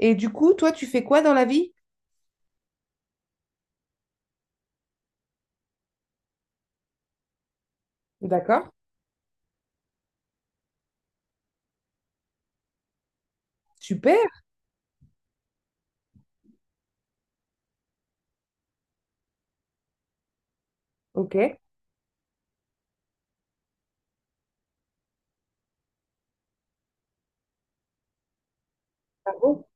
Et du coup, toi, tu fais quoi dans la vie? D'accord. Super. Ok. Bravo.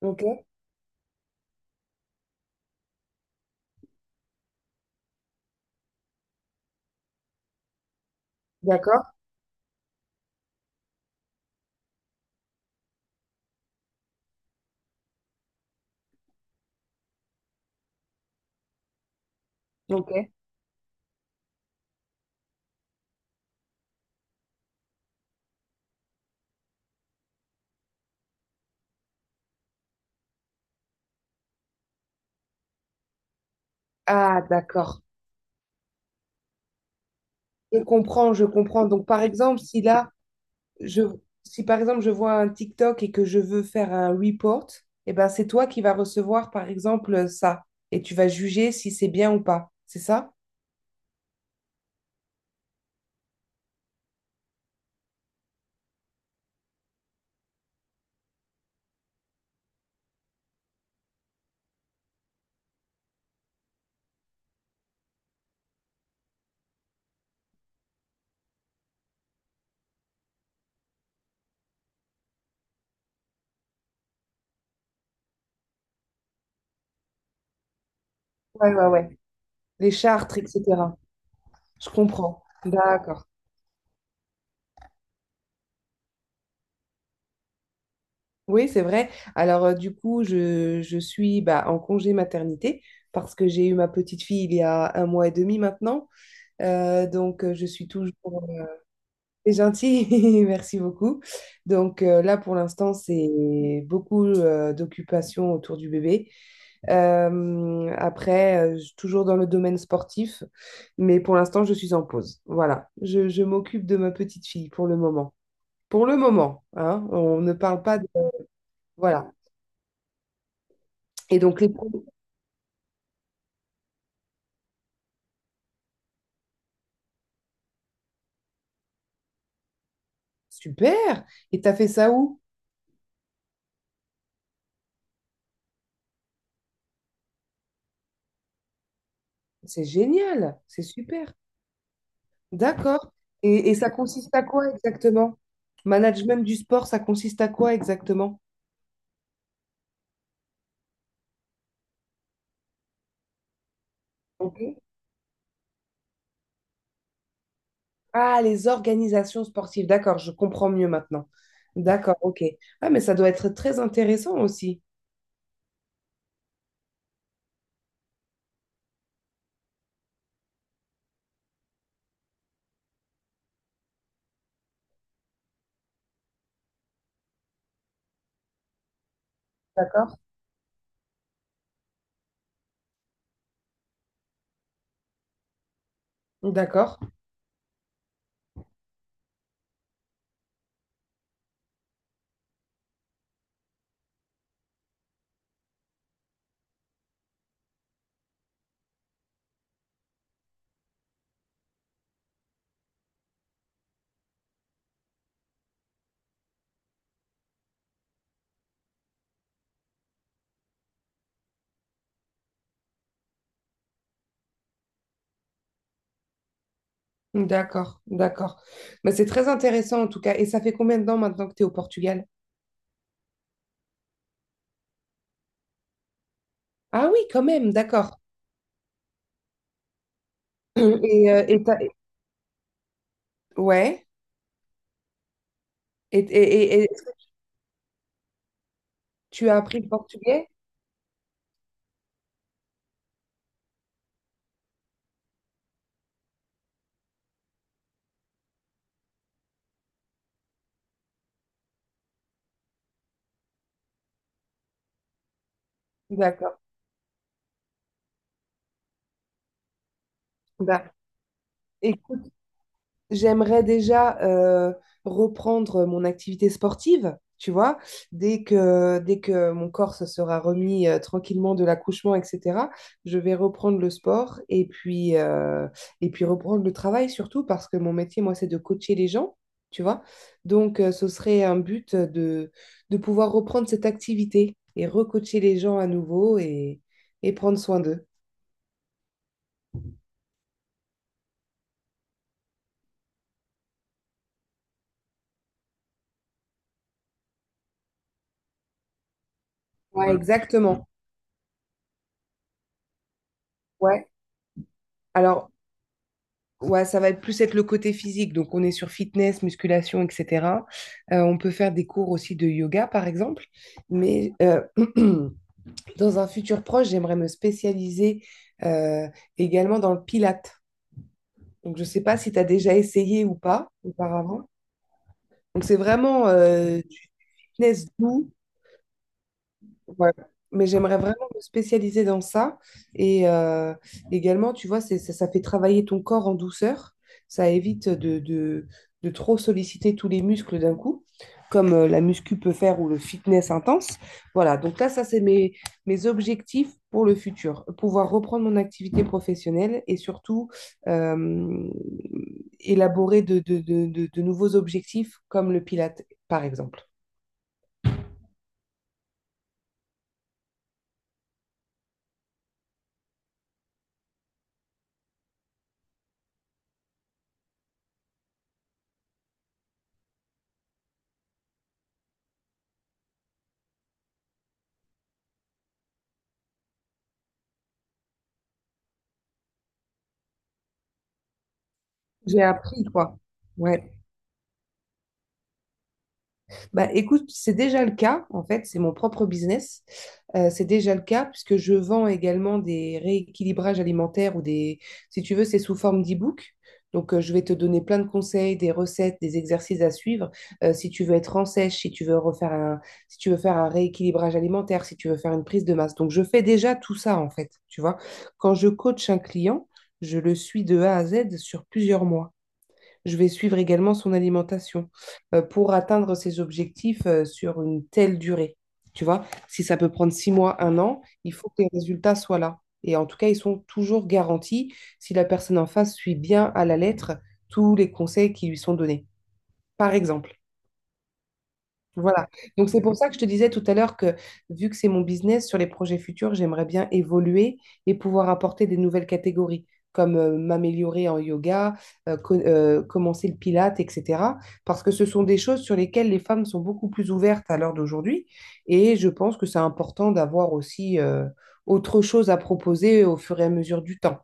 Ok. D'accord. Ok. Ah, d'accord. Je comprends, je comprends. Donc, par exemple, si là, je, si par exemple, je vois un TikTok et que je veux faire un report, eh ben, c'est toi qui vas recevoir, par exemple, ça. Et tu vas juger si c'est bien ou pas. C'est ça? Ouais, ouais, ouais. Les chartres, etc. Je comprends. D'accord. Oui, c'est vrai. Alors, du coup, je suis bah, en congé maternité parce que j'ai eu ma petite fille il y a un mois et demi maintenant. Donc, je suis toujours. C'est gentil, merci beaucoup. Donc, là, pour l'instant, c'est beaucoup d'occupations autour du bébé. Après, toujours dans le domaine sportif, mais pour l'instant, je suis en pause. Voilà, je m'occupe de ma petite fille pour le moment. Pour le moment, hein, on ne parle pas de. Voilà. Et donc, les. Super. Et t'as fait ça où? C'est génial. C'est super. D'accord. Et ça consiste à quoi exactement? Management du sport, ça consiste à quoi exactement? Ok. Ah, les organisations sportives. D'accord, je comprends mieux maintenant. D'accord, ok. Ah, mais ça doit être très intéressant aussi. D'accord. D'accord. D'accord. D'accord. Mais c'est très intéressant en tout cas. Et ça fait combien de temps maintenant que tu es au Portugal? Ah oui, quand même, d'accord. Et, euh, et t'as- ouais. Et est-ce que tu as appris le portugais? D'accord. Bah, écoute, j'aimerais déjà reprendre mon activité sportive, tu vois, dès que mon corps se sera remis tranquillement de l'accouchement, etc. Je vais reprendre le sport et puis reprendre le travail surtout parce que mon métier, moi, c'est de coacher les gens, tu vois. Donc, ce serait un but de pouvoir reprendre cette activité et recoacher les gens à nouveau et prendre soin d'eux. Ouais, voilà, exactement. Ouais. Alors, ouais, ça va être plus être le côté physique. Donc, on est sur fitness, musculation, etc. On peut faire des cours aussi de yoga, par exemple. Mais dans un futur proche, j'aimerais me spécialiser euh, également dans le pilate. Donc, je ne sais pas si tu as déjà essayé ou pas auparavant. Donc, c'est vraiment du fitness doux. Ouais. Mais j'aimerais vraiment me spécialiser dans ça. Et également, tu vois, ça fait travailler ton corps en douceur. Ça évite de trop solliciter tous les muscles d'un coup, comme la muscu peut faire ou le fitness intense. Voilà, donc là, ça, c'est mes objectifs pour le futur. Pouvoir reprendre mon activité professionnelle et surtout euh, élaborer de nouveaux objectifs comme le pilates par exemple. J'ai appris, quoi. Ouais. Bah, écoute, c'est déjà le cas, en fait, c'est mon propre business. C'est déjà le cas puisque je vends également des rééquilibrages alimentaires ou des, si tu veux, c'est sous forme d'e-book. Donc, je vais te donner plein de conseils, des recettes, des exercices à suivre. Si tu veux être en sèche, si tu veux refaire un, si tu veux faire un rééquilibrage alimentaire, si tu veux faire une prise de masse. Donc, je fais déjà tout ça, en fait, tu vois. Quand je coach un client, je le suis de A à Z sur plusieurs mois. Je vais suivre également son alimentation pour atteindre ses objectifs sur une telle durée. Tu vois, si ça peut prendre 6 mois, un an, il faut que les résultats soient là. Et en tout cas, ils sont toujours garantis si la personne en face suit bien à la lettre tous les conseils qui lui sont donnés, par exemple. Voilà. Donc c'est pour ça que je te disais tout à l'heure que vu que c'est mon business, sur les projets futurs, j'aimerais bien évoluer et pouvoir apporter des nouvelles catégories, comme m'améliorer en yoga, commencer le pilate, etc. Parce que ce sont des choses sur lesquelles les femmes sont beaucoup plus ouvertes à l'heure d'aujourd'hui. Et je pense que c'est important d'avoir aussi autre chose à proposer au fur et à mesure du temps.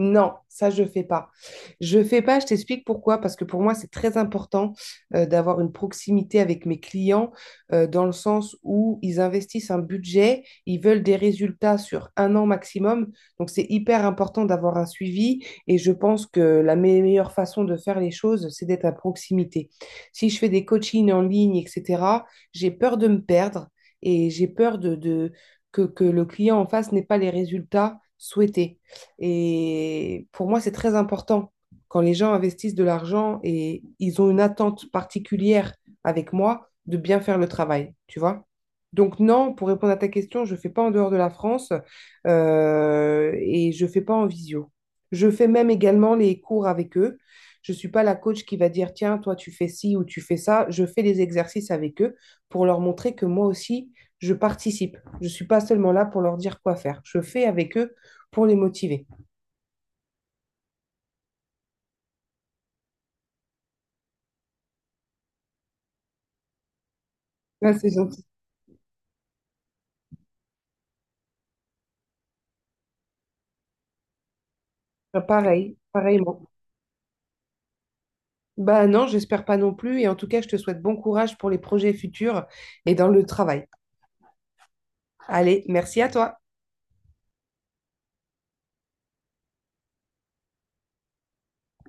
Non, ça je fais pas. Je fais pas, je t'explique pourquoi, parce que pour moi c'est très important d'avoir une proximité avec mes clients dans le sens où ils investissent un budget, ils veulent des résultats sur un an maximum, donc c'est hyper important d'avoir un suivi et je pense que la meilleure façon de faire les choses, c'est d'être à proximité. Si je fais des coachings en ligne, etc., j'ai peur de me perdre et j'ai peur que le client en face n'ait pas les résultats souhaités. Et pour moi, c'est très important. Quand les gens investissent de l'argent et ils ont une attente particulière avec moi, de bien faire le travail, tu vois. Donc non, pour répondre à ta question, je ne fais pas en dehors de la France et je ne fais pas en visio. Je fais même également les cours avec eux. Je ne suis pas la coach qui va dire, tiens, toi, tu fais ci ou tu fais ça. Je fais les exercices avec eux pour leur montrer que moi aussi, je participe. Je ne suis pas seulement là pour leur dire quoi faire. Je fais avec eux pour les motiver. Ah, c'est gentil. Ah, pareil, pareillement. Bah non, j'espère pas non plus. Et en tout cas, je te souhaite bon courage pour les projets futurs et dans le travail. Allez, merci à toi.